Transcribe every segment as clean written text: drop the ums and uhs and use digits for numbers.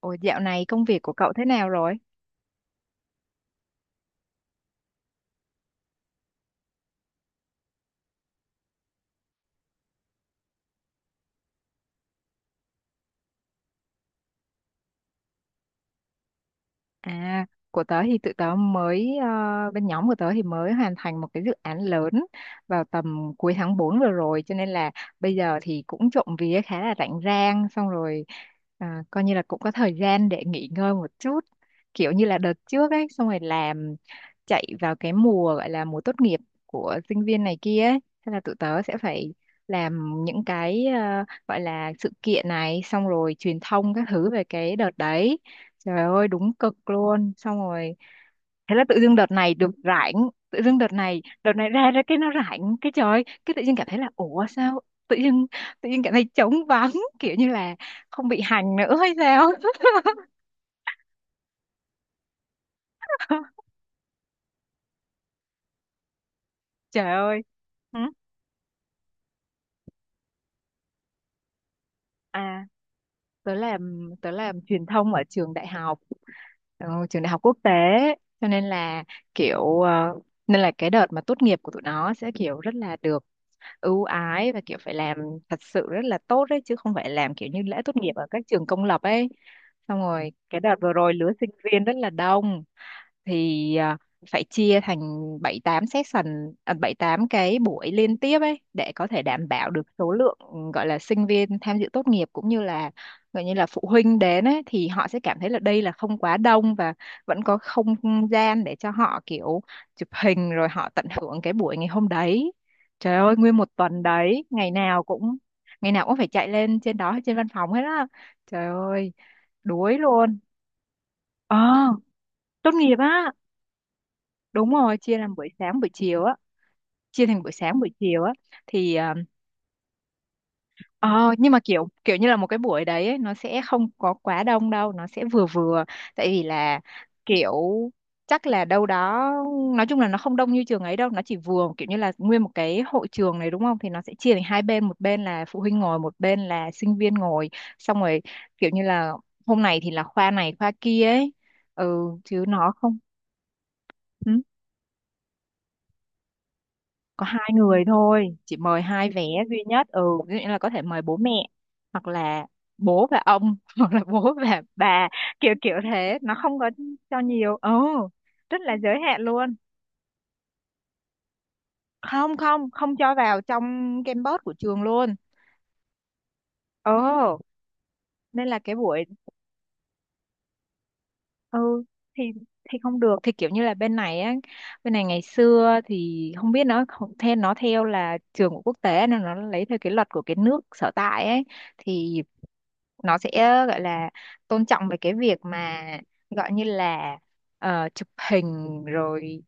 Ủa dạo này công việc của cậu thế nào rồi? À, của tớ thì tụi tớ mới, ờ, bên nhóm của tớ thì mới hoàn thành một cái dự án lớn vào tầm cuối tháng 4 vừa rồi. Cho nên là bây giờ thì cũng trộm vía khá là rảnh rang. Xong rồi à, coi như là cũng có thời gian để nghỉ ngơi một chút. Kiểu như là đợt trước ấy, xong rồi làm chạy vào cái mùa gọi là mùa tốt nghiệp của sinh viên này kia ấy. Thế là tụi tớ sẽ phải làm những cái gọi là sự kiện này, xong rồi truyền thông các thứ về cái đợt đấy. Trời ơi đúng cực luôn, xong rồi thế là tự dưng đợt này được rảnh. Tự dưng đợt này ra ra cái nó rảnh, cái trời ơi, cái tự dưng cảm thấy là ủa sao tự dưng tự dưng cảm thấy trống vắng kiểu như là không bị hành nữa hay sao. Trời ơi. Hử? À, tớ làm truyền thông ở trường đại học. Ừ, trường đại học quốc tế, cho nên là kiểu ờ, nên là cái đợt mà tốt nghiệp của tụi nó sẽ kiểu rất là được ưu ái và kiểu phải làm thật sự rất là tốt đấy, chứ không phải làm kiểu như lễ tốt nghiệp ở các trường công lập ấy. Xong rồi cái đợt vừa rồi lứa sinh viên rất là đông, thì phải chia thành 7 8 session, 7 8 cái buổi liên tiếp ấy để có thể đảm bảo được số lượng, ừ, gọi là sinh viên tham dự tốt nghiệp cũng như là gọi như là phụ huynh đến ấy thì họ sẽ cảm thấy là đây là không quá đông và vẫn có không gian để cho họ kiểu chụp hình rồi họ tận hưởng cái buổi ngày hôm đấy. Trời ơi nguyên một tuần đấy, ngày nào cũng phải chạy lên trên đó trên văn phòng hết á. Trời ơi, đuối luôn. Ờ, tốt nghiệp á. Đúng rồi, chia làm buổi sáng buổi chiều á, chia thành buổi sáng buổi chiều á thì ờ, nhưng mà kiểu kiểu như là một cái buổi đấy ấy, nó sẽ không có quá đông đâu, nó sẽ vừa vừa, tại vì là kiểu chắc là đâu đó nói chung là nó không đông như trường ấy đâu, nó chỉ vừa kiểu như là nguyên một cái hội trường này đúng không? Thì nó sẽ chia thành hai bên, một bên là phụ huynh ngồi, một bên là sinh viên ngồi, xong rồi kiểu như là hôm nay thì là khoa này khoa kia ấy. Ừ chứ nó không. Ừ. Có hai người thôi, chị mời hai vé duy nhất. Ừ, ví dụ như là có thể mời bố mẹ, hoặc là bố và ông hoặc là bố và bà, kiểu kiểu thế, nó không có cho nhiều. Ừ, rất là giới hạn luôn. Không không không cho vào trong campus của trường luôn. Ừ, nên là cái buổi. Ừ, thì thì không được, thì kiểu như là bên này á, bên này ngày xưa thì không biết, nó theo, nó theo là trường của quốc tế nên nó lấy theo cái luật của cái nước sở tại ấy, thì nó sẽ gọi là tôn trọng về cái việc mà gọi như là chụp hình, rồi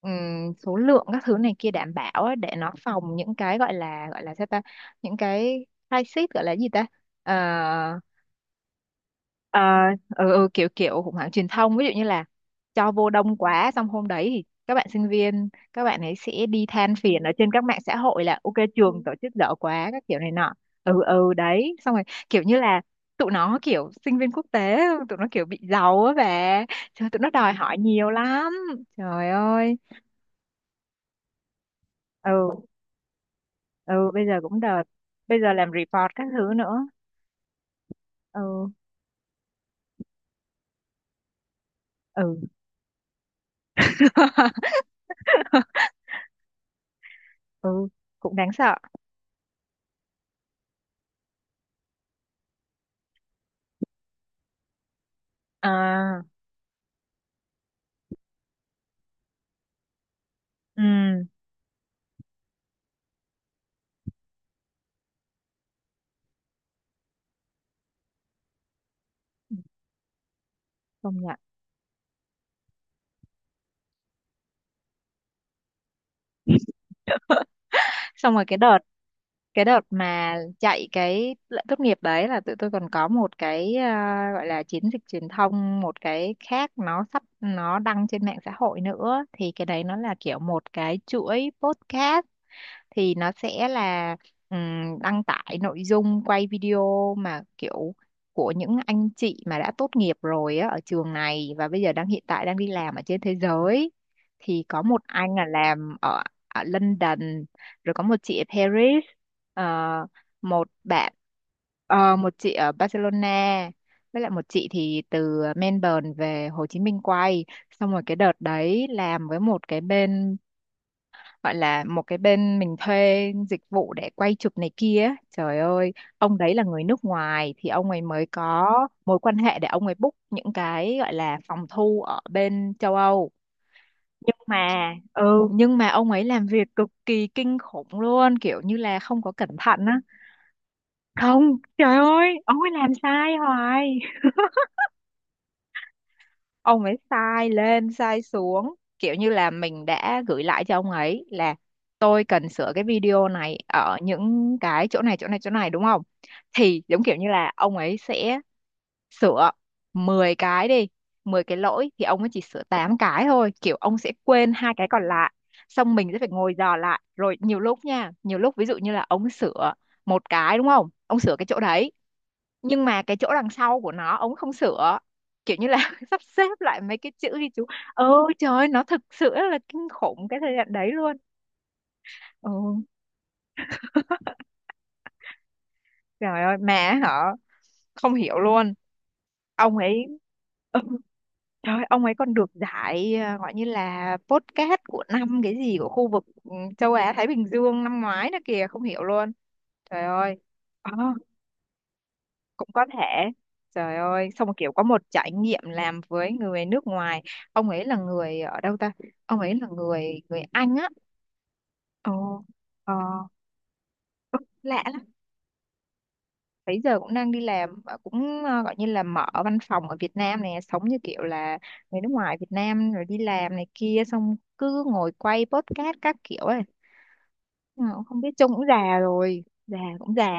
số lượng các thứ này kia đảm bảo á, để nó phòng những cái gọi là sao ta, những cái crisis gọi là gì ta, ờ, ờ, ừ, ừ, kiểu kiểu khủng hoảng truyền thông, ví dụ như là cho vô đông quá xong hôm đấy thì các bạn sinh viên các bạn ấy sẽ đi than phiền ở trên các mạng xã hội là ok trường tổ chức dở quá các kiểu này nọ. Ừ ừ đấy, xong rồi kiểu như là tụi nó kiểu sinh viên quốc tế, tụi nó kiểu bị giàu á bà, trời tụi nó đòi hỏi nhiều lắm. Trời ơi. Ừ ừ bây giờ cũng đợt, bây giờ làm report các thứ nữa. Ừ, ừ ừ cũng đáng sợ. À ừ công nhận. Xong rồi cái đợt mà chạy cái lễ tốt nghiệp đấy là tụi tôi còn có một cái, gọi là chiến dịch truyền thông một cái khác, nó sắp nó đăng trên mạng xã hội nữa, thì cái đấy nó là kiểu một cái chuỗi podcast, thì nó sẽ là đăng tải nội dung quay video mà kiểu của những anh chị mà đã tốt nghiệp rồi á, ở trường này, và bây giờ đang hiện tại đang đi làm ở trên thế giới, thì có một anh là làm ở London, rồi có một chị ở Paris, ờ, một bạn, một chị ở Barcelona, với lại một chị thì từ Melbourne về Hồ Chí Minh quay. Xong rồi cái đợt đấy làm với một cái bên, gọi là một cái bên mình thuê dịch vụ để quay chụp này kia ấy. Trời ơi ông đấy là người nước ngoài thì ông ấy mới có mối quan hệ để ông ấy book những cái gọi là phòng thu ở bên châu Âu, nhưng mà ừ nhưng mà ông ấy làm việc cực kỳ kinh khủng luôn, kiểu như là không có cẩn thận á. Không, trời ơi ông ấy làm sai hoài. Ông ấy sai lên sai xuống, kiểu như là mình đã gửi lại cho ông ấy là tôi cần sửa cái video này ở những cái chỗ này chỗ này chỗ này đúng không, thì giống kiểu như là ông ấy sẽ sửa 10 cái, đi 10 cái lỗi thì ông ấy chỉ sửa 8 cái thôi, kiểu ông sẽ quên hai cái còn lại. Xong mình sẽ phải ngồi dò lại, rồi nhiều lúc nha, nhiều lúc ví dụ như là ông sửa một cái đúng không, ông sửa cái chỗ đấy nhưng mà cái chỗ đằng sau của nó ông không sửa, kiểu như là sắp xếp lại mấy cái chữ ghi chú. Ôi trời ơi, nó thực sự là kinh khủng cái thời gian đấy luôn. Ừ. Trời ơi mẹ hả, không hiểu luôn. Ông ấy ừ, trời ơi, ông ấy còn được giải, gọi như là podcast của năm cái gì của khu vực, ừ, châu Á Thái Bình Dương năm ngoái nữa kìa, không hiểu luôn. Trời ơi. Ờ, cũng có thể. Trời ơi, xong rồi kiểu có một trải nghiệm làm với người nước ngoài. Ông ấy là người ở đâu ta, ông ấy là người người Anh á. Ồ, ờ, ừ, lạ. Bây giờ cũng đang đi làm và cũng gọi như là mở văn phòng ở Việt Nam này, sống như kiểu là người nước ngoài Việt Nam rồi đi làm này kia, xong cứ ngồi quay podcast các kiểu ấy. Ờ, không biết trông cũng già rồi, già cũng già,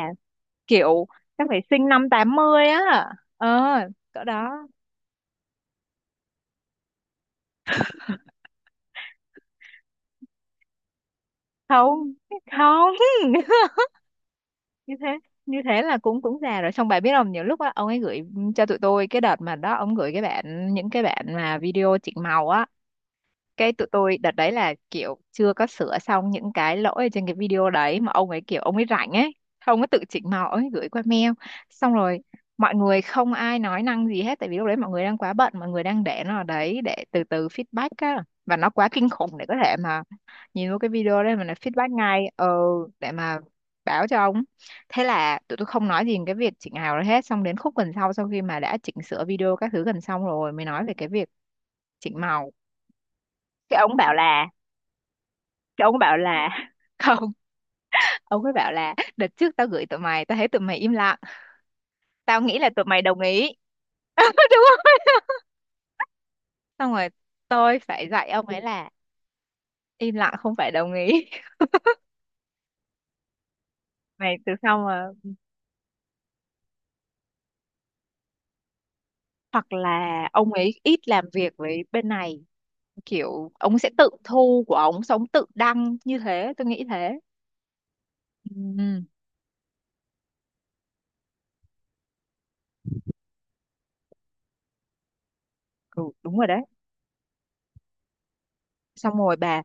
kiểu chắc phải sinh năm tám mươi á. Ờ, cỡ đó. Không, không. Như thế, là cũng cũng già rồi. Xong bà biết không, nhiều lúc á ông ấy gửi cho tụi tôi cái đợt mà đó ông gửi cái bản, mà video chỉnh màu á, cái tụi tôi đợt đấy là kiểu chưa có sửa xong những cái lỗi ở trên cái video đấy, mà ông ấy kiểu ông ấy rảnh ấy, ông ấy tự chỉnh màu ông ấy gửi qua mail. Xong rồi mọi người không ai nói năng gì hết, tại vì lúc đấy mọi người đang quá bận, mọi người đang để nó ở đấy để từ từ feedback á, và nó quá kinh khủng để có thể mà nhìn vô cái video đấy mà nó feedback ngay, ờ để mà báo cho ông. Thế là tụi tôi không nói gì về cái việc chỉnh màu đấy hết, xong đến khúc gần sau, sau khi mà đã chỉnh sửa video các thứ gần xong rồi mới nói về cái việc chỉnh màu. Cái ông bảo là cái ông bảo là không, ông ấy bảo là đợt trước tao gửi tụi mày tao thấy tụi mày im lặng, tao nghĩ là tụi mày đồng ý. Đúng không, xong rồi tôi phải dạy ông ấy là im lặng không phải đồng ý. Mày từ sau mà, hoặc là ông ấy ít làm việc với bên này, kiểu ông sẽ tự thu của ông xong tự đăng như thế, tôi nghĩ thế. Ừ, ừ đúng rồi đấy. Xong rồi bà,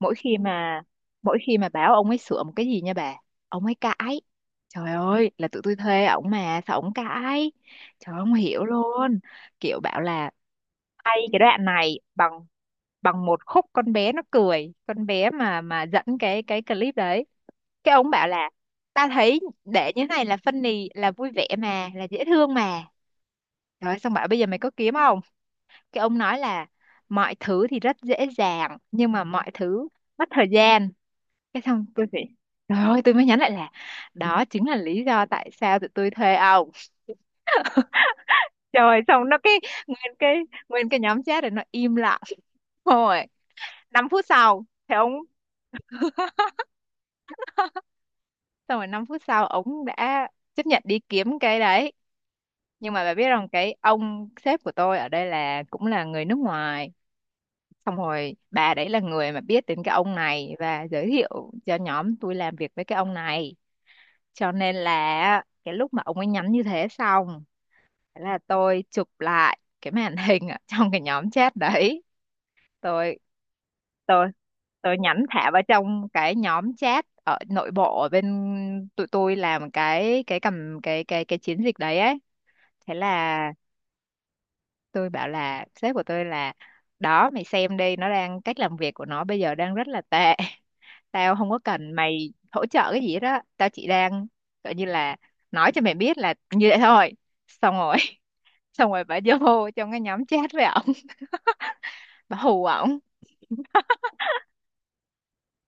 mỗi khi mà mỗi khi mà bảo ông ấy sửa một cái gì nha bà, ông ấy cãi. Trời ơi là tụi tôi thuê ổng mà sao ổng cãi. Trời ơi, không hiểu luôn. Kiểu bảo là hay cái đoạn này bằng, bằng một khúc con bé nó cười, con bé mà dẫn cái clip đấy, cái ông bảo là ta thấy để như thế này là funny, là vui vẻ mà, là dễ thương mà, rồi xong bảo bây giờ mày có kiếm không, cái ông nói là mọi thứ thì rất dễ dàng nhưng mà mọi thứ mất thời gian. Cái xong tôi phải trời ơi tôi mới nhắn lại là đó chính là lý do tại sao tụi tôi thuê ông. Trời xong nó cái nguyên cái nguyên cái nhóm chat rồi nó im lặng, rồi 5 phút sau thì ông, xong rồi 5 phút sau ông đã chấp nhận đi kiếm cái đấy. Nhưng mà bà biết rằng cái ông sếp của tôi ở đây là cũng là người nước ngoài, xong rồi bà đấy là người mà biết đến cái ông này và giới thiệu cho nhóm tôi làm việc với cái ông này, cho nên là cái lúc mà ông ấy nhắn như thế xong, thế là tôi chụp lại cái màn hình ở trong cái nhóm chat đấy. Tôi tôi tôi nhắn thả vào trong cái nhóm chat ở nội bộ ở bên tụi tôi làm cái cầm cái chiến dịch đấy ấy. Thế là tôi bảo là sếp của tôi là đó mày xem đi, nó đang cách làm việc của nó bây giờ đang rất là tệ. Tao không có cần mày hỗ trợ cái gì đó. Tao chỉ đang gọi như là nói cho mày biết là như vậy thôi. Xong rồi xong rồi bà vô trong cái nhóm chat với ổng bà hù ổng.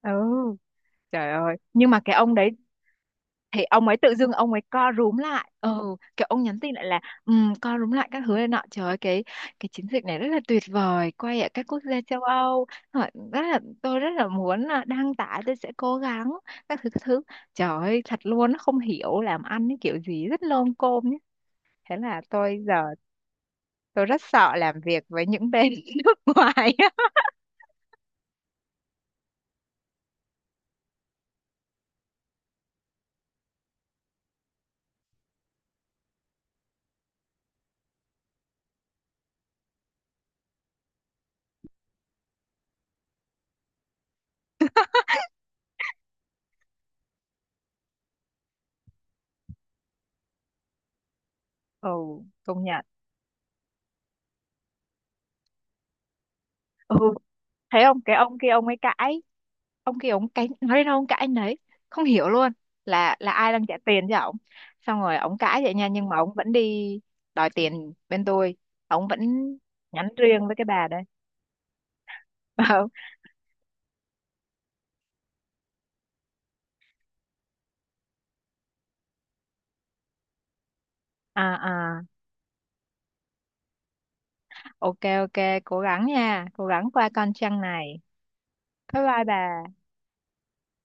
Ừ trời ơi, nhưng mà cái ông đấy thì ông ấy tự dưng ông ấy co rúm lại, ừ kiểu ông nhắn tin lại là co rúm lại các thứ này nọ, trời ơi cái chiến dịch này rất là tuyệt vời, quay ở các quốc gia châu Âu. Hỏi rất là, tôi rất là muốn là đăng tải, tôi sẽ cố gắng các thứ các thứ. Trời ơi thật luôn, nó không hiểu làm ăn cái kiểu gì rất lôm côm nhé. Thế là tôi giờ tôi rất sợ làm việc với những bên nước ngoài á. Ừ công nhận. Ừ thấy không, cái ông kia ông ấy cãi, ông kia ông cãi nói đến đâu ông cãi đến đấy, không hiểu luôn, là ai đang trả tiền cho ông. Xong rồi ông cãi vậy nha, nhưng mà ông vẫn đi đòi tiền bên tôi, ông vẫn nhắn riêng với cái bà đây bảo. À à, ok ok, cố gắng nha, cố gắng qua con trăng này. Bye bye bà.